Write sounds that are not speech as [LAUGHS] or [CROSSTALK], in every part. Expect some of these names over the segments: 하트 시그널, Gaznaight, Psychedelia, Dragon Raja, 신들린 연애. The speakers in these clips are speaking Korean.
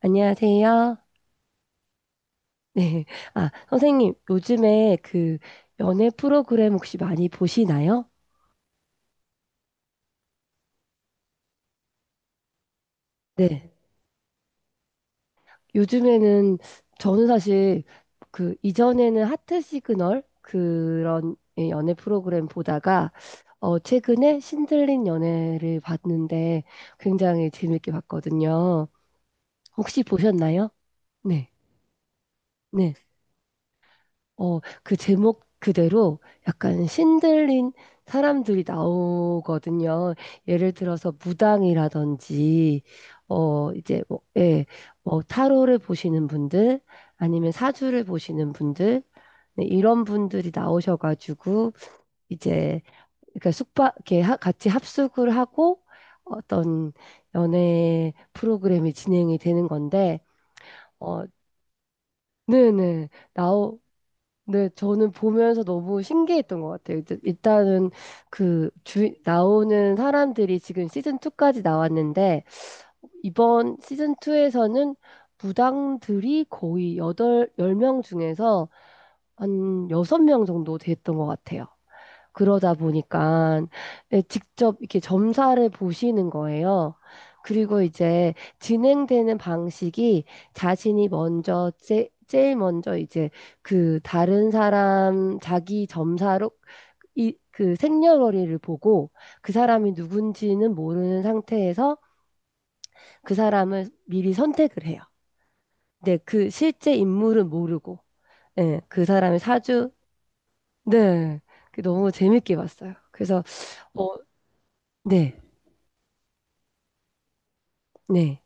안녕하세요. [LAUGHS] 네. 아, 선생님, 요즘에 연애 프로그램 혹시 많이 보시나요? 네. 요즘에는 저는 사실 그 이전에는 하트 시그널 그런 예, 연애 프로그램 보다가 최근에 신들린 연애를 봤는데 굉장히 재밌게 봤거든요. 혹시 보셨나요? 네. 네. 어, 그 제목 그대로 약간 신들린 사람들이 나오거든요. 예를 들어서 무당이라든지, 어, 이제, 뭐, 예, 뭐, 타로를 보시는 분들, 아니면 사주를 보시는 분들, 네, 이런 분들이 나오셔가지고, 이제, 그러니까 숙박, 이렇게 같이 합숙을 하고, 어떤 연애 프로그램이 진행이 되는 건데, 어, 네네. 네, 저는 보면서 너무 신기했던 것 같아요. 일단은 그 주, 나오는 사람들이 지금 시즌 2까지 나왔는데, 이번 시즌 2에서는 무당들이 거의 여덟 열 명 중에서 한 여섯 명 정도 됐던 것 같아요. 그러다 보니까 예, 직접 이렇게 점사를 보시는 거예요. 그리고 이제 진행되는 방식이 자신이 먼저 제일 먼저 이제 그 다른 사람 자기 점사로 그 생년월일을 보고 그 사람이 누군지는 모르는 상태에서 그 사람을 미리 선택을 해요. 네, 그 실제 인물은 모르고, 네, 그 사람의 사주, 네, 그 너무 재밌게 봤어요. 그래서, 어, 네. 네,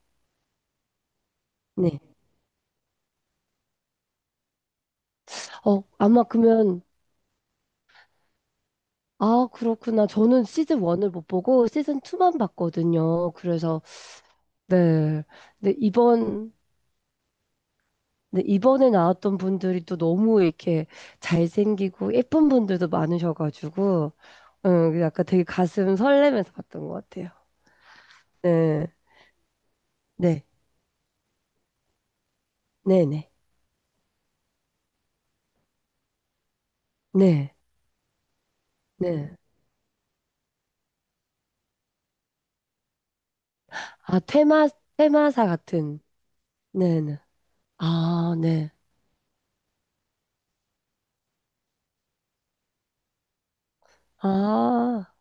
네. 어, 아마 그러면, 아, 그렇구나. 저는 시즌 1을 못 보고 시즌 2만 봤거든요. 그래서, 네. 근데 이번, 네, 이번에 나왔던 분들이 또 너무 이렇게 잘생기고 예쁜 분들도 많으셔가지고, 약간 되게 가슴 설레면서 봤던 것 같아요. 네, 네, 네네, 네, 네. 네. 아, 테마, 테마사 같은, 네네. 아, 네. 아.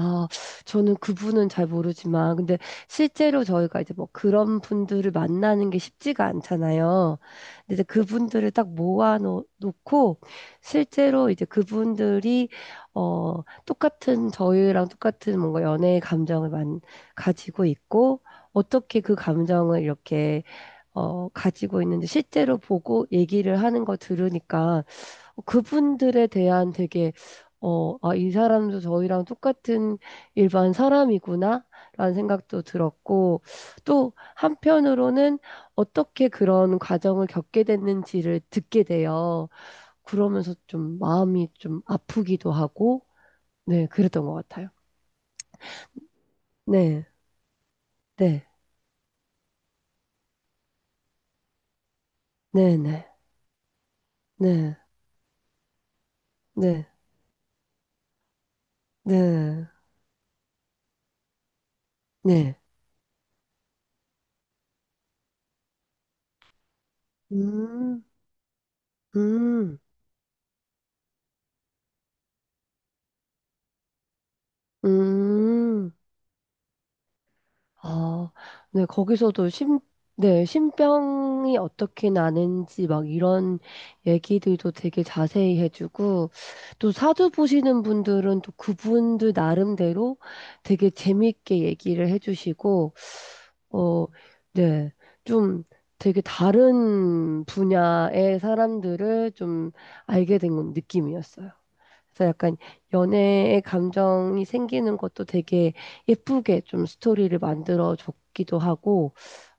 아, 저는 그분은 잘 모르지만, 근데 실제로 저희가 이제 뭐 그런 분들을 만나는 게 쉽지가 않잖아요. 근데 이제 그분들을 딱 모아놓고, 실제로 이제 그분들이, 어, 똑같은, 저희랑 똑같은 뭔가 연애의 감정을 만, 가지고 있고, 어떻게 그 감정을 이렇게, 어, 가지고 있는지 실제로 보고 얘기를 하는 거 들으니까, 어, 그분들에 대한 되게 어, 아, 이 사람도 저희랑 똑같은 일반 사람이구나 라는 생각도 들었고 또 한편으로는 어떻게 그런 과정을 겪게 됐는지를 듣게 돼요. 그러면서 좀 마음이 좀 아프기도 하고 네, 그랬던 것 같아요. 네, 네, 네, 네, 네, 네, 네, 네. 음, 음, 음. 아, 네, 거기서도 심, 네, 신병이 어떻게 나는지 막 이런 얘기들도 되게 자세히 해주고, 또 사주 보시는 분들은 또 그분들 나름대로 되게 재밌게 얘기를 해주시고, 어, 네, 좀 되게 다른 분야의 사람들을 좀 알게 된 느낌이었어요. 그래서 약간 연애의 감정이 생기는 것도 되게 예쁘게 좀 스토리를 만들어 줬기도 하고,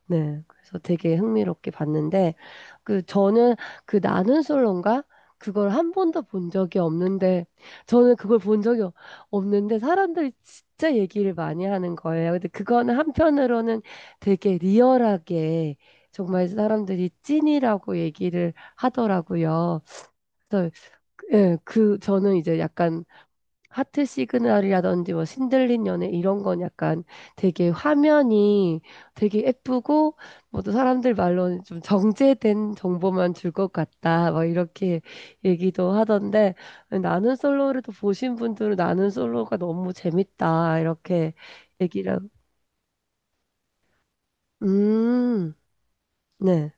네. 그래서 되게 흥미롭게 봤는데, 그 저는 그 나는 솔로인가? 그걸 한 번도 본 적이 없는데, 저는 그걸 없는데, 사람들이 진짜 얘기를 많이 하는 거예요. 근데 그거는 한편으로는 되게 리얼하게 정말 사람들이 찐이라고 얘기를 하더라고요. 그래서 그, 예, 그 저는 이제 약간 하트 시그널이라든지 뭐 신들린 연애 이런 건 약간 되게 화면이 되게 예쁘고 뭐 또 사람들 말로는 좀 정제된 정보만 줄 것 같다 막 이렇게 얘기도 하던데 나는 솔로를 또 보신 분들은 나는 솔로가 너무 재밌다 이렇게 얘기를 하고. 음, 네.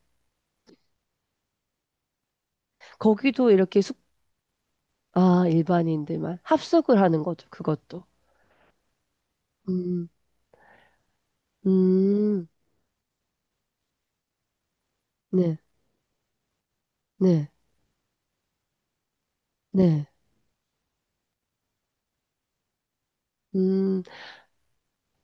거기도 이렇게 숙, 아, 일반인들만 합숙을 하는 거죠. 그것도. 음, 음, 네, 네, 네. 음.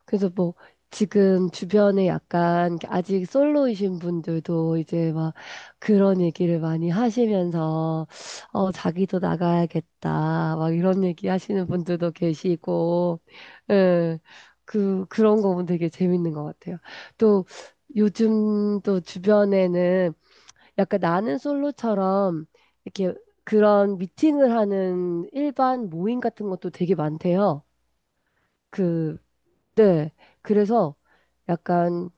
그래서 뭐 지금 주변에 약간 아직 솔로이신 분들도 이제 막 그런 얘기를 많이 하시면서 어 자기도 나가야겠다 막 이런 얘기 하시는 분들도 계시고 예. 그런 거 보면 되게 재밌는 것 같아요. 또 요즘 또 주변에는 약간 나는 솔로처럼 이렇게 그런 미팅을 하는 일반 모임 같은 것도 되게 많대요. 그 네. 그래서 약간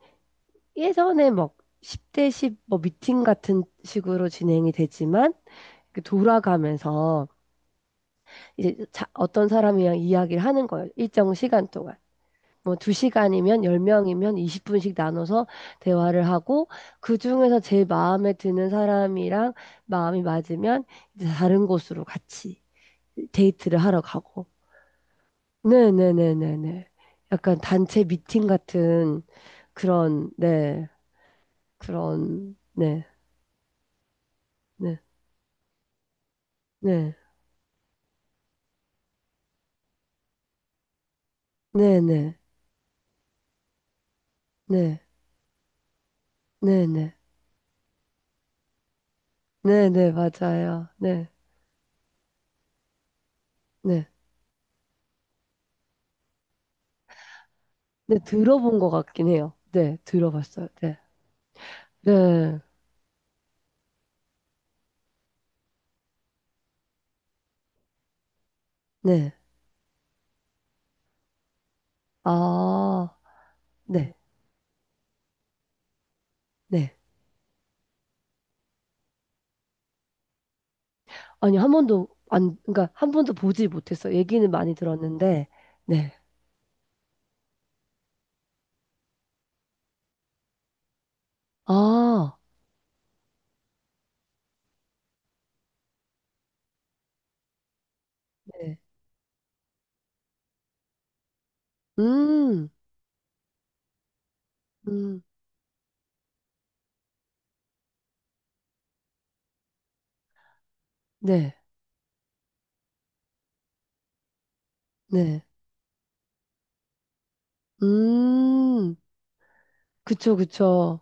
예전에 막 10대 10 뭐 미팅 같은 식으로 진행이 되지만 그 돌아가면서 이제 어떤 사람이랑 이야기를 하는 거예요. 일정 시간 동안. 뭐 2시간이면 10명이면 20분씩 나눠서 대화를 하고 그중에서 제일 마음에 드는 사람이랑 마음이 맞으면 이제 다른 곳으로 같이 데이트를 하러 가고. 네네네네네. 약간 단체 미팅 같은 그런, 네. 그런 네. 네. 네. 네 네. 네. 네 네. 네 네. 맞아요. 네. 네. 네. 들어본 것 같긴 해요. 네. 들어봤어요. 네. 네. 네. 아. 네. 네. 아니 한 번도 안 그러니까 한 번도 보지 못했어요. 얘기는 많이 들었는데 네. 아. 네. 음. 음. 네. 네. 음. 그쵸, 그쵸.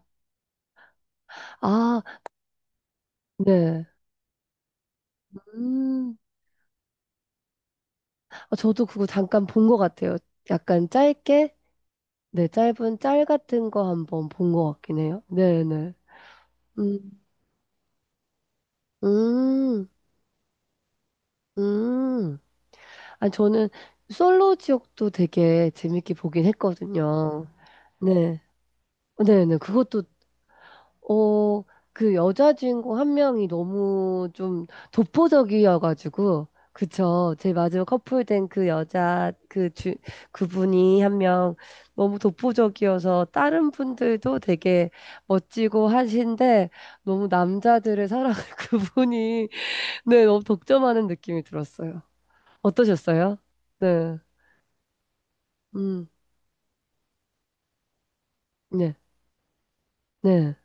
아. 네. 음. 어, 저도 그거 잠깐 본 것 같아요. 약간 짧게, 네, 짧은 짤 같은 거 한번 본 것 같긴 해요. 네네. 음, 음, 음. 아, 저는 솔로 지옥도 되게 재밌게 보긴 했거든요. 네. 어, 네네. 그것도 어, 그 여자 주인공 한 명이 너무 좀 독보적이어가지고, 그쵸. 제 마지막 커플된 그 여자, 그 주, 그분이 한 명 너무 독보적이어서 다른 분들도 되게 멋지고 하신데, 너무 남자들의 사랑을 [LAUGHS] 그분이, 네, 너무 독점하는 느낌이 들었어요. 어떠셨어요? 네. 음, 네, 네,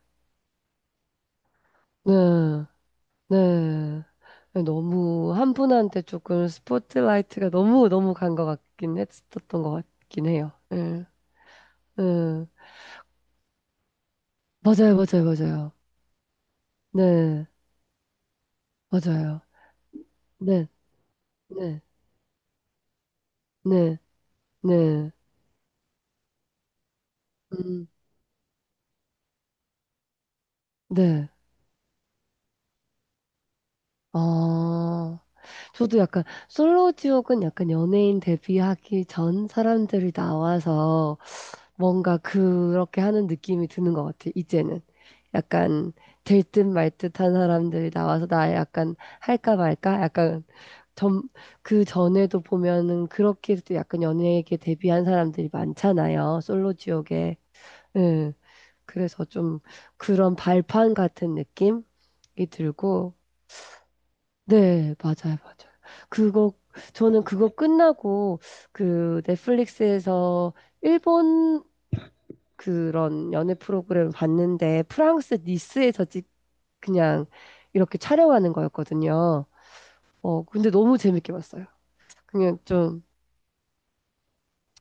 네, 네. 네. 네, 너무 한 분한테 조금 스포트라이트가 너무 너무 간 것 같긴 했었던 것 같긴 해요. 예. 예. 맞아요, 맞아요, 맞아요. 네, 맞아요. 네, 네, 네, 네. 음, 네. 아, 저도 약간 솔로 지옥은 약간 연예인 데뷔하기 전 사람들이 나와서 뭔가 그렇게 하는 느낌이 드는 것 같아, 이제는. 약간 될 듯 말 듯한 사람들이 나와서 나 약간 할까 말까? 약간 점, 그 전에도 보면은 그렇게도 약간 연예계 데뷔한 사람들이 많잖아요. 솔로 지옥에. 예. 그래서 좀 그런 발판 같은 느낌이 들고. 네, 맞아요, 맞아요. 그거, 저는 그거 끝나고 그 넷플릭스에서 일본 그런 연애 프로그램을 봤는데 프랑스 니스에서 찍 그냥 이렇게 촬영하는 거였거든요. 어, 근데 너무 재밌게 봤어요. 그냥 좀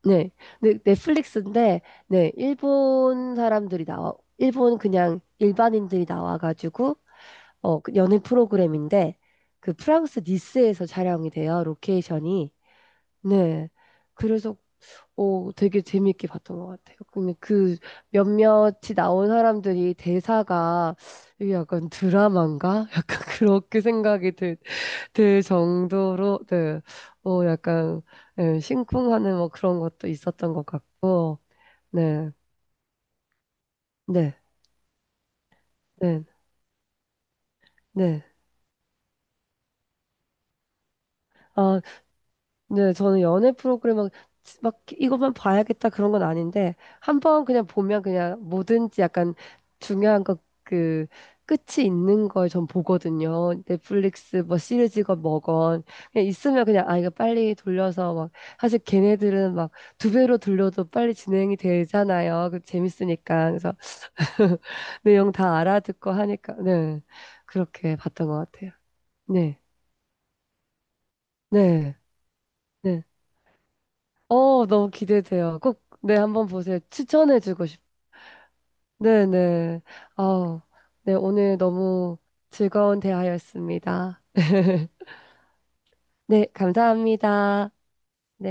네. 네, 넷플릭스인데 네, 일본 그냥 일반인들이 나와 가지고 어, 그 연애 프로그램인데 그 프랑스 니스에서 촬영이 돼요. 로케이션이. 네. 그래서 어, 되게 재밌게 봤던 것 같아요. 근데 그 몇몇이 나온 사람들이 대사가 이게 약간 드라마인가? [LAUGHS] 약간 그렇게 들 정도로, 네. 어, 약간, 예, 심쿵하는 뭐 그런 것도 있었던 것 같고, 네. 네. 네. 네. 아, 네, 저는 막 이것만 봐야겠다 그런 건 아닌데, 한 번 그냥 보면 그냥 뭐든지 약간 중요한 것 그 끝이 있는 걸 전 보거든요. 넷플릭스 뭐 시리즈건 뭐건. 그냥 있으면 그냥 아, 이거 빨리 돌려서 막, 사실 걔네들은 막 두 배로 돌려도 빨리 진행이 되잖아요. 그 재밌으니까. 그래서 [LAUGHS] 내용 다 알아듣고 하니까, 네. 그렇게 봤던 것 같아요. 네. 네. 네. 어, 너무 기대돼요. 꼭, 네, 한번 보세요. 추천해주고 싶, 네네. 어, 네, 오늘 너무 즐거운 대화였습니다. [LAUGHS] 네, 감사합니다. 네.